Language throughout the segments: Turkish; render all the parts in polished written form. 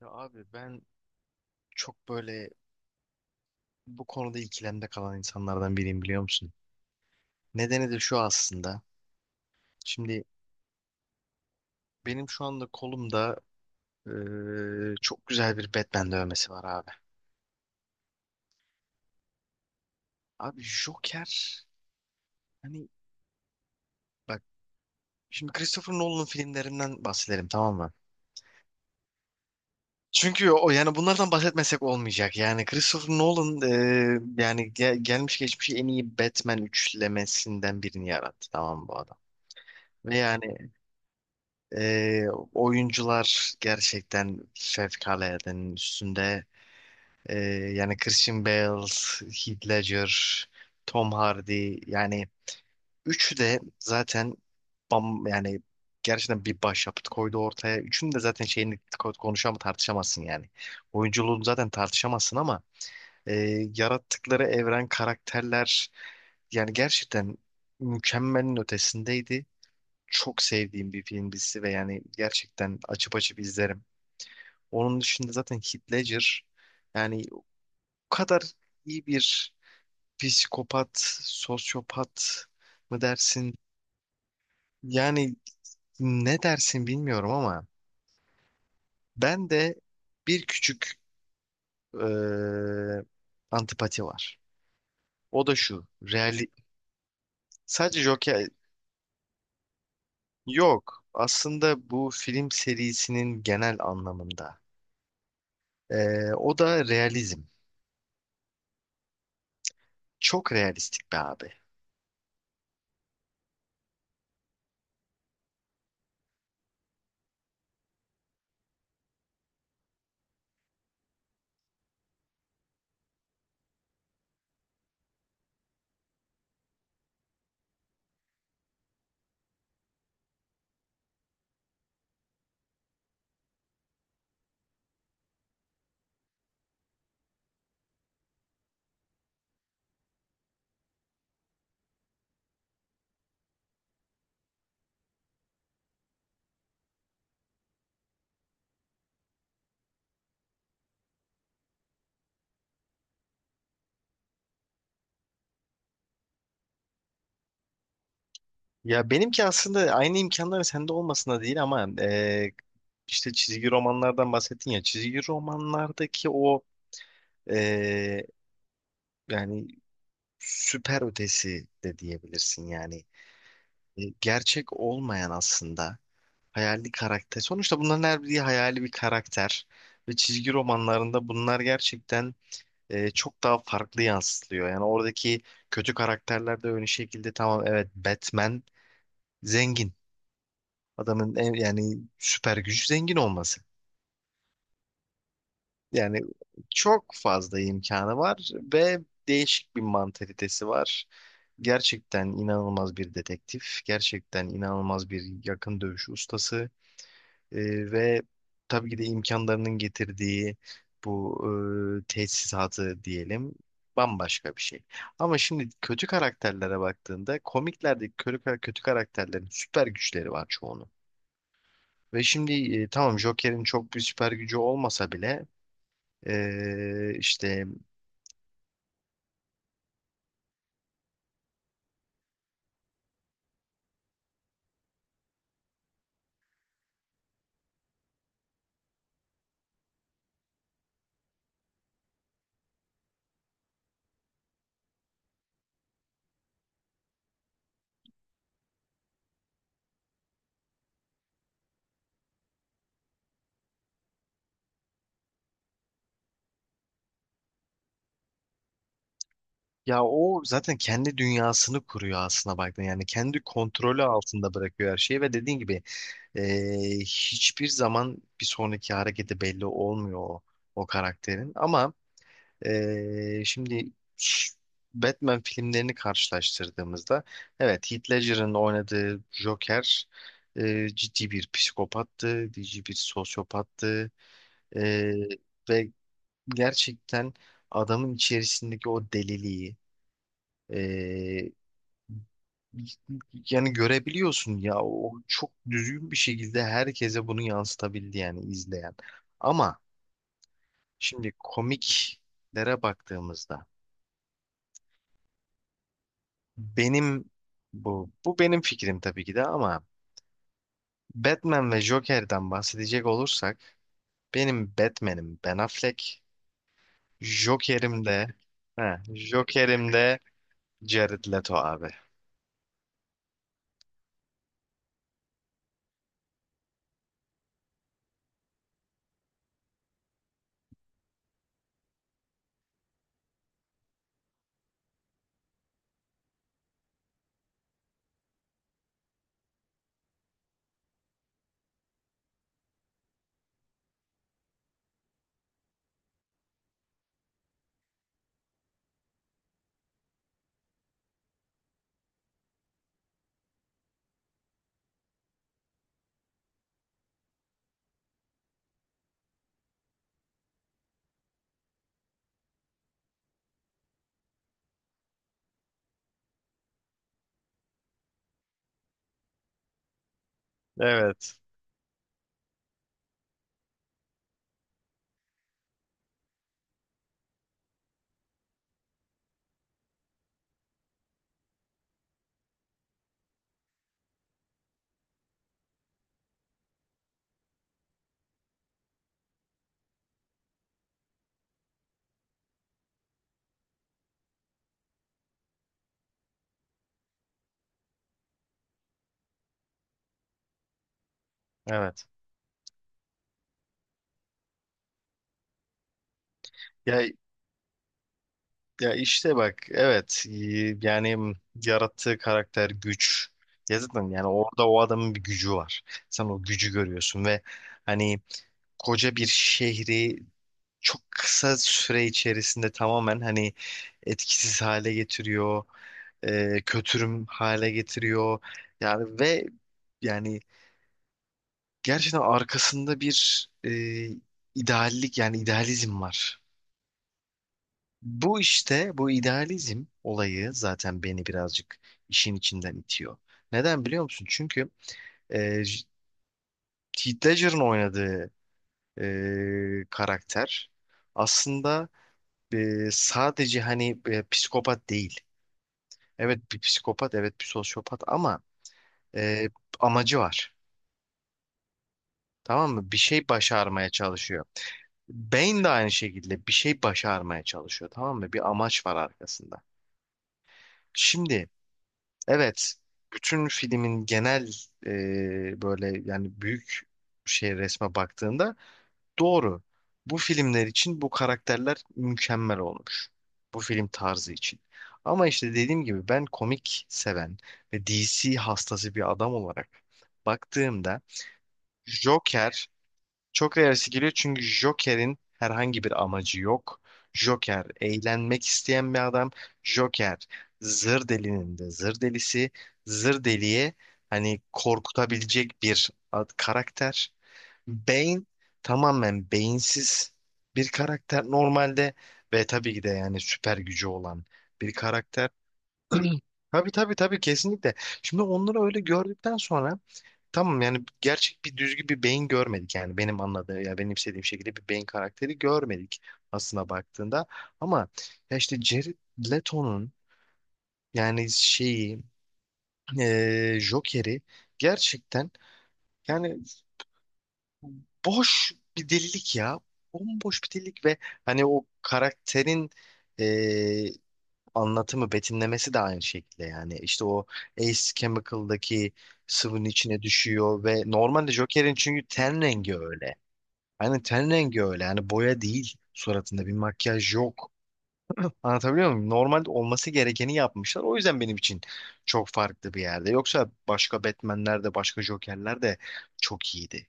Ya abi ben çok böyle bu konuda ikilemde kalan insanlardan biriyim biliyor musun? Nedeni de şu aslında. Şimdi benim şu anda kolumda çok güzel bir Batman dövmesi var abi. Abi Joker hani bak şimdi Christopher Nolan'ın filmlerinden bahsedelim tamam mı? Çünkü o yani bunlardan bahsetmesek olmayacak. Yani Christopher Nolan yani gelmiş geçmiş en iyi Batman üçlemesinden birini yarattı tamam mı bu adam. Ve yani Ee, oyuncular gerçekten fevkaladenin üstünde. Ee, yani Christian Bale, Heath Ledger, Tom Hardy yani üçü de zaten bam yani gerçekten bir başyapıt koydu ortaya. Üçünün de zaten şeyini konuşamam tartışamazsın yani. Oyunculuğunu zaten tartışamazsın ama e, yarattıkları evren, karakterler yani gerçekten mükemmelin ötesindeydi, çok sevdiğim bir film dizisi ve yani gerçekten açıp açıp izlerim. Onun dışında zaten Heath Ledger yani o kadar iyi bir psikopat, sosyopat mı dersin? Yani ne dersin bilmiyorum ama ben de bir küçük eee, antipati var. O da şu. Reali sadece Joker yok. Aslında bu film serisinin genel anlamında. O da realizm. Çok realistik be abi. Ya benimki aslında aynı imkanların sende olmasına değil ama işte çizgi romanlardan bahsettin ya. Çizgi romanlardaki o eee, yani süper ötesi de diyebilirsin yani. Gerçek olmayan aslında hayali karakter. Sonuçta bunların her biri hayali bir karakter. Ve çizgi romanlarında bunlar gerçekten çok daha farklı yansıtılıyor. Yani oradaki kötü karakterler de öyle şekilde, tamam evet Batman zengin. Adamın en, yani süper gücü zengin olması. Yani çok fazla imkanı var ve değişik bir mantalitesi var. Gerçekten inanılmaz bir dedektif, gerçekten inanılmaz bir yakın dövüş ustası. Ve tabii ki de imkanlarının getirdiği bu tesisatı diyelim bambaşka bir şey. Ama şimdi kötü karakterlere baktığında komiklerdeki kötü karakterlerin süper güçleri var çoğunun. Ve şimdi tamam Joker'in çok bir süper gücü olmasa bile işte ya o zaten kendi dünyasını kuruyor aslına baktığında. Yani kendi kontrolü altında bırakıyor her şeyi ve dediğin gibi e, hiçbir zaman bir sonraki hareketi belli olmuyor o karakterin. Ama şimdi ş- Batman filmlerini karşılaştırdığımızda evet Heath Ledger'ın oynadığı Joker ciddi bir psikopattı, ciddi bir sosyopattı. Ee, ve gerçekten adamın içerisindeki o deliliği ee, yani görebiliyorsun ya, o çok düzgün bir şekilde herkese bunu yansıtabildi yani izleyen. Ama şimdi komiklere baktığımızda benim bu benim fikrim tabii ki de ama Batman ve Joker'den bahsedecek olursak benim Batman'im Ben Affleck, Joker'im de he, Joker'im de Jared Leto abi. Evet, evet. Ya, ya işte bak, evet. Yani yarattığı karakter güç. Ya zaten yani orada o adamın bir gücü var. Sen o gücü görüyorsun ve hani koca bir şehri çok kısa süre içerisinde tamamen hani etkisiz hale getiriyor, kötürüm hale getiriyor. Yani ve yani gerçekten arkasında bir ideallik yani idealizm var. Bu işte bu idealizm olayı zaten beni birazcık işin içinden itiyor. Neden biliyor musun? Çünkü e, J- Heath Ledger'ın oynadığı karakter aslında sadece hani psikopat değil. Evet bir psikopat, evet bir sosyopat ama e, amacı var. Tamam mı? Bir şey başarmaya çalışıyor. Bane de aynı şekilde bir şey başarmaya çalışıyor. Tamam mı? Bir amaç var arkasında. Şimdi evet, bütün filmin genel e, böyle yani büyük şey, resme baktığında doğru. Bu filmler için bu karakterler mükemmel olmuş. Bu film tarzı için. Ama işte dediğim gibi ben komik seven ve DC hastası bir adam olarak baktığımda Joker çok realistik geliyor çünkü Joker'in herhangi bir amacı yok. Joker eğlenmek isteyen bir adam. Joker zır delinin de zır delisi. Zır deliye hani korkutabilecek bir karakter. Bane tamamen beyinsiz bir karakter normalde ve tabii ki de yani süper gücü olan bir karakter. Tabii tabii tabii kesinlikle. Şimdi onları öyle gördükten sonra tamam yani gerçek bir düzgün bir beyin görmedik yani benim anladığım ya benim istediğim şekilde bir beyin karakteri görmedik aslına baktığında ama ya işte Jared Leto'nun yani şeyi Joker'i gerçekten yani boş bir delilik ya bomboş bir delilik ve hani o karakterin eee, anlatımı betimlemesi de aynı şekilde yani işte o Ace Chemical'daki sıvının içine düşüyor ve normalde Joker'in çünkü ten rengi öyle. Aynen ten rengi öyle. Yani boya değil, suratında bir makyaj yok. Anlatabiliyor muyum? Normalde olması gerekeni yapmışlar. O yüzden benim için çok farklı bir yerde. Yoksa başka Batman'ler de başka Joker'ler de çok iyiydi.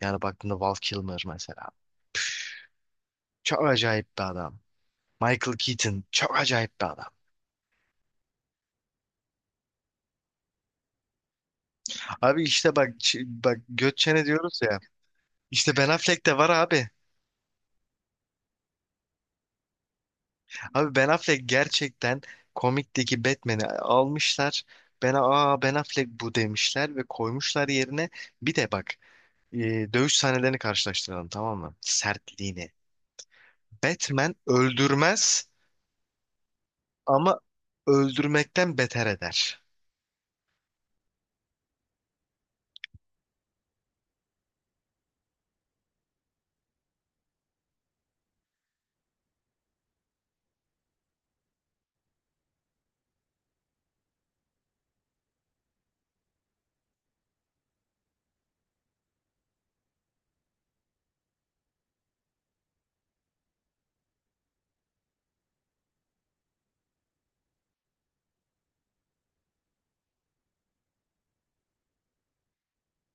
Yani baktığında Val Kilmer mesela. Çok acayip bir adam. Michael Keaton çok acayip bir adam. Abi işte bak bak göt çene diyoruz ya. İşte Ben Affleck de var abi. Abi Ben Affleck gerçekten komikteki Batman'i almışlar. Ben aa Ben Affleck bu demişler ve koymuşlar yerine. Bir de bak dövüş sahnelerini karşılaştıralım tamam mı? Sertliğini. Batman öldürmez ama öldürmekten beter eder.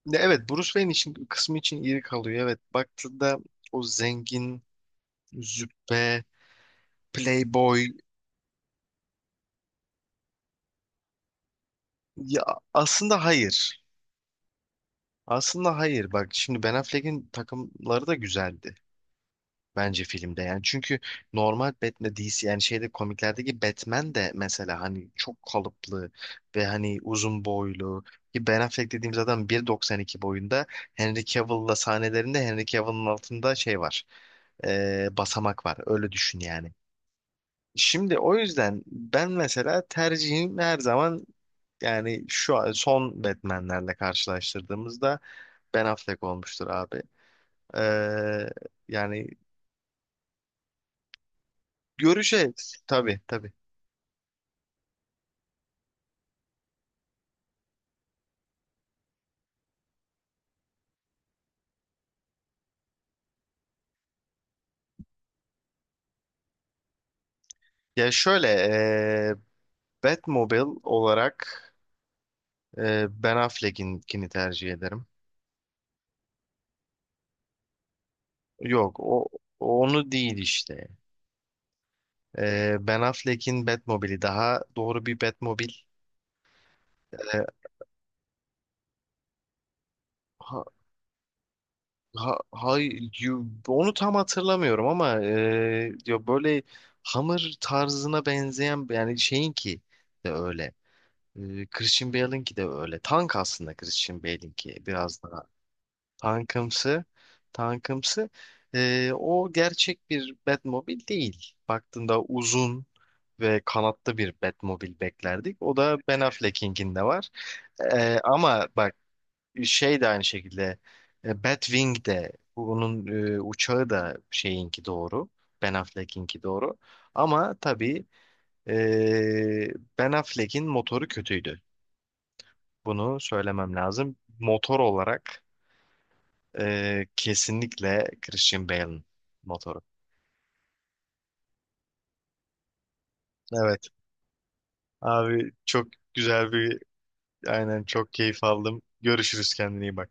Ya evet Bruce Wayne için kısmı için iri kalıyor. Evet baktığında o zengin, züppe, playboy, ya aslında hayır. Aslında hayır bak, şimdi Ben Affleck'in takımları da güzeldi bence filmde yani çünkü normal Batman DC yani şeyde komiklerdeki Batman de mesela hani çok kalıplı ve hani uzun boylu, ki Ben Affleck dediğimiz adam 1.92 boyunda. Henry Cavill'la sahnelerinde Henry Cavill'ın altında şey var, basamak var öyle düşün yani. Şimdi o yüzden ben mesela tercihim her zaman yani şu an son Batman'lerle karşılaştırdığımızda Ben Affleck olmuştur abi. Ee, yani göreceğiz tabii tabii. Ya şöyle Batmobile olarak Ben Affleck'inkini tercih ederim. Yok o onu değil işte. Ben Affleck'in Batmobile'i daha doğru bir Batmobile. Ee, ha, ha, hay, onu tam hatırlamıyorum ama ya böyle Hammer tarzına benzeyen yani şeyinki de öyle. Christian Bale'inki de öyle. Tank aslında Christian Bale'inki biraz da. Tankımsı, tankımsı. O gerçek bir Batmobil değil. Baktığında uzun ve kanatlı bir Batmobil beklerdik. O da Ben Affleck'inkinde var. Ama bak şey de aynı şekilde Batwing de bunun uçağı da şeyinki doğru. Ben Affleck'inki doğru. Ama tabii Ben Affleck'in motoru kötüydü. Bunu söylemem lazım. Motor olarak kesinlikle Christian Bale'ın motoru. Evet. Abi çok güzel bir, aynen çok keyif aldım. Görüşürüz, kendine iyi bak.